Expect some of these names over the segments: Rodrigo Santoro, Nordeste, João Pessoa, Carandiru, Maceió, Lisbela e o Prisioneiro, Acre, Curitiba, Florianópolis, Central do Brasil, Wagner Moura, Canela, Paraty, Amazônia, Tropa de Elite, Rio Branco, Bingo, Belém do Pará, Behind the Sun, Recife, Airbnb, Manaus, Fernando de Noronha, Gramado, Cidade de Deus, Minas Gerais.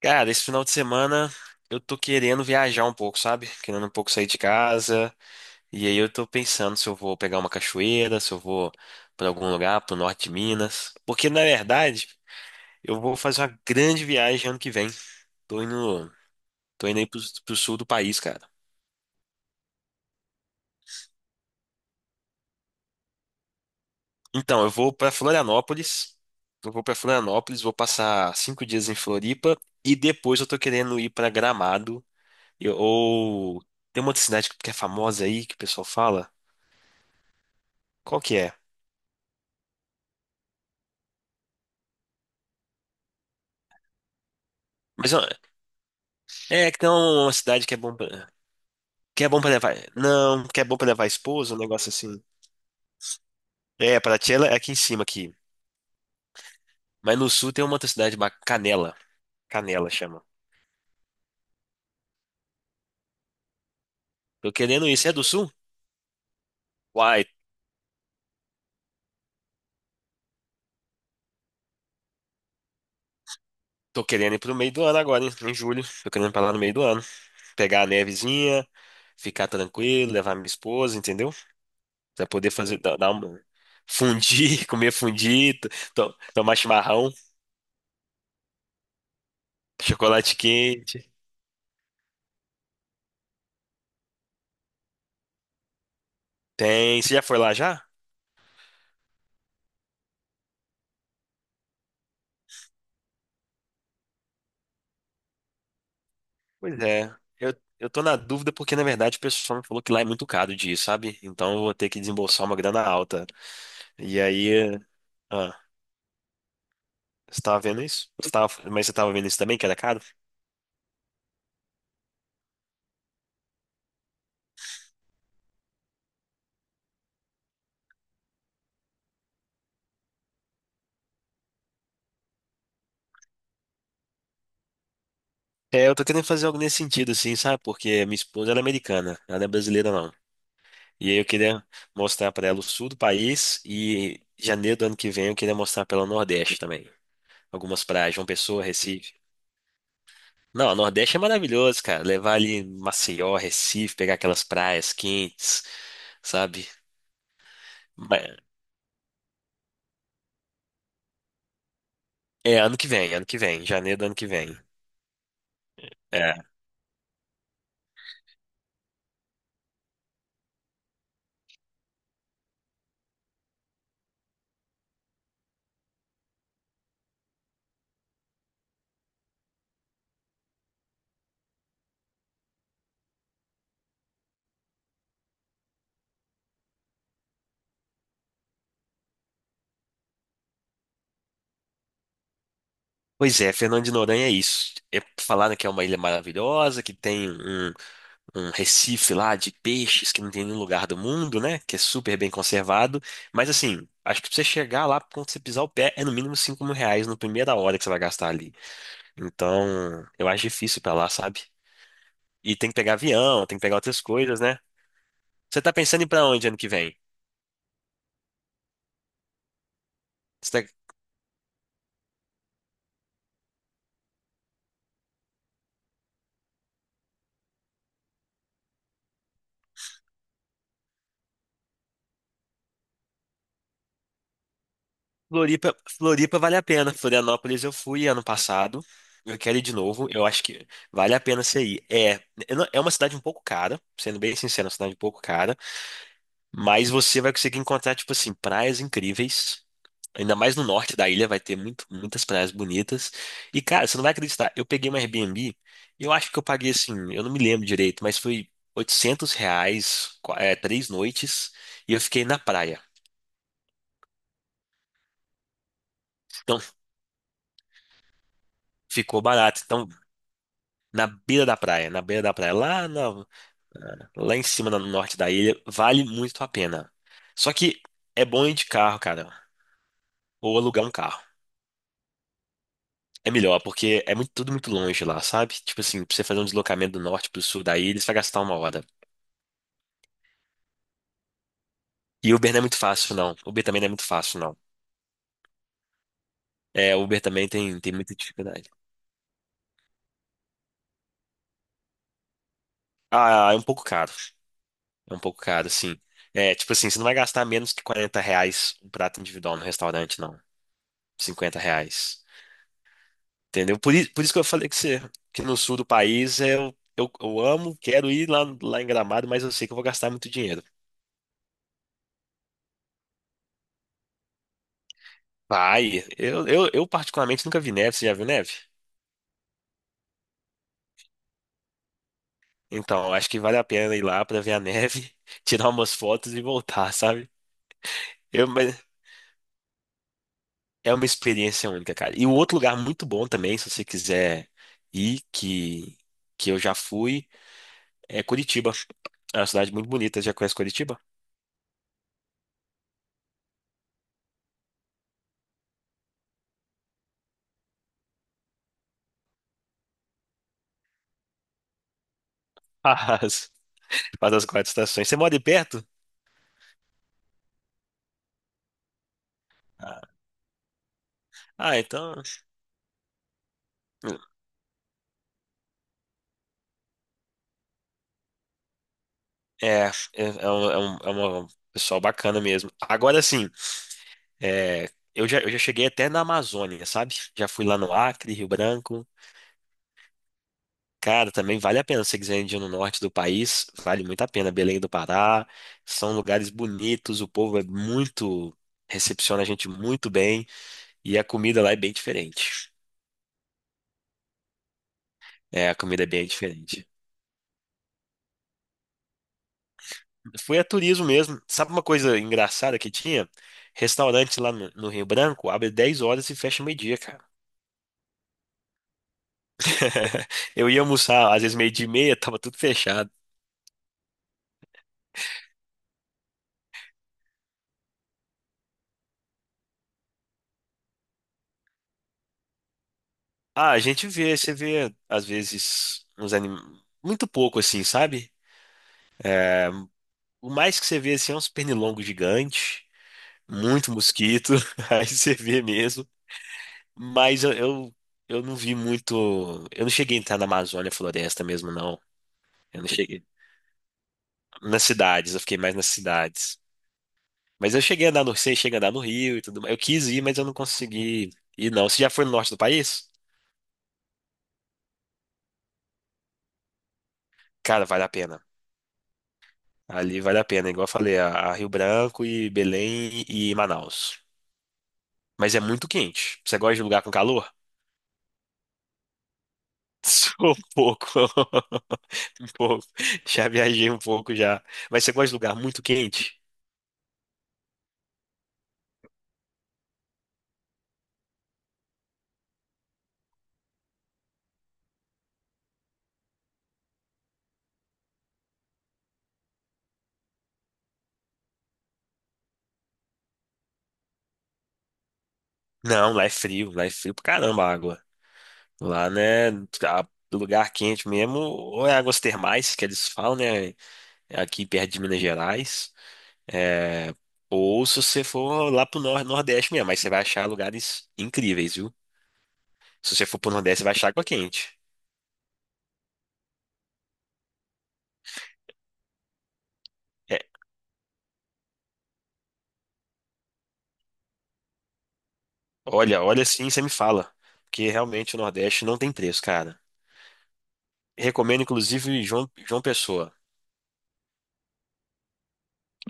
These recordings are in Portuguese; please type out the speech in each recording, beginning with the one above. Cara, esse final de semana eu tô querendo viajar um pouco, sabe? Querendo um pouco sair de casa. E aí eu tô pensando se eu vou pegar uma cachoeira, se eu vou pra algum lugar, pro norte de Minas. Porque na verdade, eu vou fazer uma grande viagem ano que vem. Tô indo, tô indo aí pro sul do país, cara. Então, eu vou pra Florianópolis. Eu vou pra Florianópolis, vou passar 5 dias em Floripa. E depois eu tô querendo ir pra Gramado. Ou tem uma outra cidade que é famosa aí que o pessoal fala. Qual que é? Mas ó, é que tem uma cidade que que é bom pra levar. Não, que é bom pra levar a esposa, um negócio assim. É, Paraty ela é aqui em cima aqui. Mas no sul tem uma outra cidade, Canela. Canela chama. Tô querendo ir. Você é do sul? Uai, tô querendo ir pro meio do ano agora, hein? Em julho. Tô querendo ir pra lá no meio do ano. Pegar a nevezinha, ficar tranquilo, levar minha esposa, entendeu? Pra poder fazer, dar uma. Fundir, comer fundido, tomar chimarrão, chocolate quente. Tem. Você já foi lá já? Pois é, eu tô na dúvida porque, na verdade, o pessoal me falou que lá é muito caro de ir, sabe? Então eu vou ter que desembolsar uma grana alta. E aí, ah, você tava vendo isso? Você tava, mas você tava vendo isso também, que era caro? É, eu tô querendo fazer algo nesse sentido, assim, sabe? Porque minha esposa, ela é americana, ela não é brasileira, não. E aí eu queria mostrar pra ela o sul do país e janeiro do ano que vem eu queria mostrar pra ela o Nordeste também. Algumas praias, João Pessoa, Recife. Não, o Nordeste é maravilhoso, cara. Levar ali Maceió, Recife, pegar aquelas praias quentes. Sabe? Mas- É ano que vem, janeiro do ano que vem. É. Pois é, Fernando de Noronha é isso. É, falaram que é uma ilha maravilhosa, que um recife lá de peixes que não tem em nenhum lugar do mundo, né? Que é super bem conservado. Mas assim, acho que pra você chegar lá, quando você pisar o pé, é no mínimo R$ 5.000 na primeira hora que você vai gastar ali. Então, eu acho difícil ir pra lá, sabe? E tem que pegar avião, tem que pegar outras coisas, né? Você tá pensando em ir pra onde ano que vem? Floripa, Floripa vale a pena. Florianópolis eu fui ano passado. Eu quero ir de novo. Eu acho que vale a pena você ir. É, eu não- é uma cidade um pouco cara, sendo bem sincero, é uma cidade um pouco cara, mas você vai conseguir encontrar, tipo assim, praias incríveis. Ainda mais no norte da ilha vai ter muitas praias bonitas. E, cara, você não vai acreditar. Eu peguei uma Airbnb, eu acho que eu paguei assim, eu não me lembro direito, mas foi R$ 800, é, 3 noites, e eu fiquei na praia. Então, ficou barato. Então, na beira da praia, na beira da praia, lá em cima, no norte da ilha, vale muito a pena. Só que é bom ir de carro, cara, ou alugar um carro. É melhor, porque é tudo muito longe lá, sabe? Tipo assim, pra você fazer um deslocamento do norte pro sul da ilha, você vai gastar uma hora. E Uber não é muito fácil, não. Uber também não é muito fácil, não. É, Uber também tem muita dificuldade. Ah, é um pouco caro. É um pouco caro, sim. É, tipo assim, você não vai gastar menos que R$ 40 um prato individual no restaurante, não. R$ 50. Entendeu? Por isso que eu falei que você, que no sul do país eu amo, quero ir lá, lá em Gramado, mas eu sei que eu vou gastar muito dinheiro. Vai, eu particularmente nunca vi neve, você já viu neve? Então, eu acho que vale a pena ir lá pra ver a neve, tirar umas fotos e voltar, sabe? Mas é uma experiência única, cara. E um outro lugar muito bom também, se você quiser ir, que eu já fui, é Curitiba. É uma cidade muito bonita, já conhece Curitiba? Faz, Faz as quatro estações. Você mora aí perto? Ah, então. É, é, é, é um, é um- é uma- Pessoal bacana mesmo. Agora sim, é, eu já cheguei até na Amazônia, sabe? Já fui lá no Acre, Rio Branco. Cara, também vale a pena. Se você quiser ir no norte do país, vale muito a pena. Belém do Pará, são lugares bonitos, o povo é muito. Recepciona a gente muito bem e a comida lá é bem diferente. É, a comida é bem diferente. Foi a turismo mesmo. Sabe uma coisa engraçada que tinha? Restaurante lá no Rio Branco abre 10 horas e fecha meio-dia, cara. Eu ia almoçar, às vezes meio-dia e meia, tava tudo fechado. Ah, a gente vê, você vê, às vezes, uns animais muito pouco assim, sabe? O mais que você vê assim é uns pernilongos gigantes, muito mosquito, aí você vê mesmo. Mas eu não vi muito. Eu não cheguei a entrar na Amazônia Floresta mesmo, não. Eu não cheguei. Nas cidades, eu fiquei mais nas cidades. Mas eu cheguei a andar no, sei, cheguei a andar no Rio e tudo mais. Eu quis ir, mas eu não consegui ir, não. Você já foi no norte do país? Cara, vale a pena. Ali vale a pena, igual eu falei, a Rio Branco e Belém e Manaus. Mas é muito quente. Você gosta de lugar com calor? Sou um pouco. Um pouco. Já viajei um pouco já. Mas você gosta de lugar muito quente? Não, lá é frio pra caramba a água. Lá, né, a- lugar quente mesmo, ou é águas termais, que eles falam, né, aqui perto de Minas Gerais. É, ou se você for lá pro nor Nordeste mesmo, mas você vai achar lugares incríveis, viu? Se você for pro Nordeste, você vai achar água quente. É, olha, olha assim, você me fala. Porque realmente o Nordeste não tem preço, cara. Recomendo, inclusive, João Pessoa.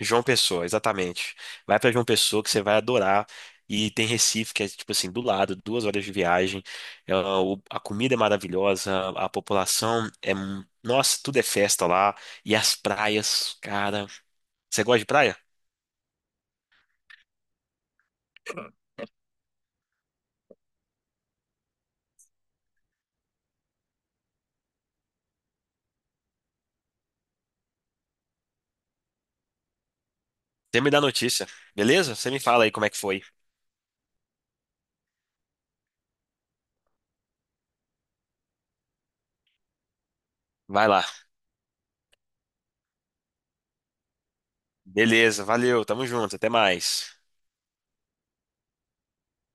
João Pessoa, exatamente. Vai pra João Pessoa que você vai adorar. E tem Recife, que é tipo assim, do lado, 2 horas de viagem. A comida é maravilhosa, a população é. Mu- Nossa, tudo é festa lá. E as praias, cara. Você gosta de praia? Você me dá notícia, beleza? Você me fala aí como é que foi. Vai lá. Beleza, valeu, tamo junto, até mais.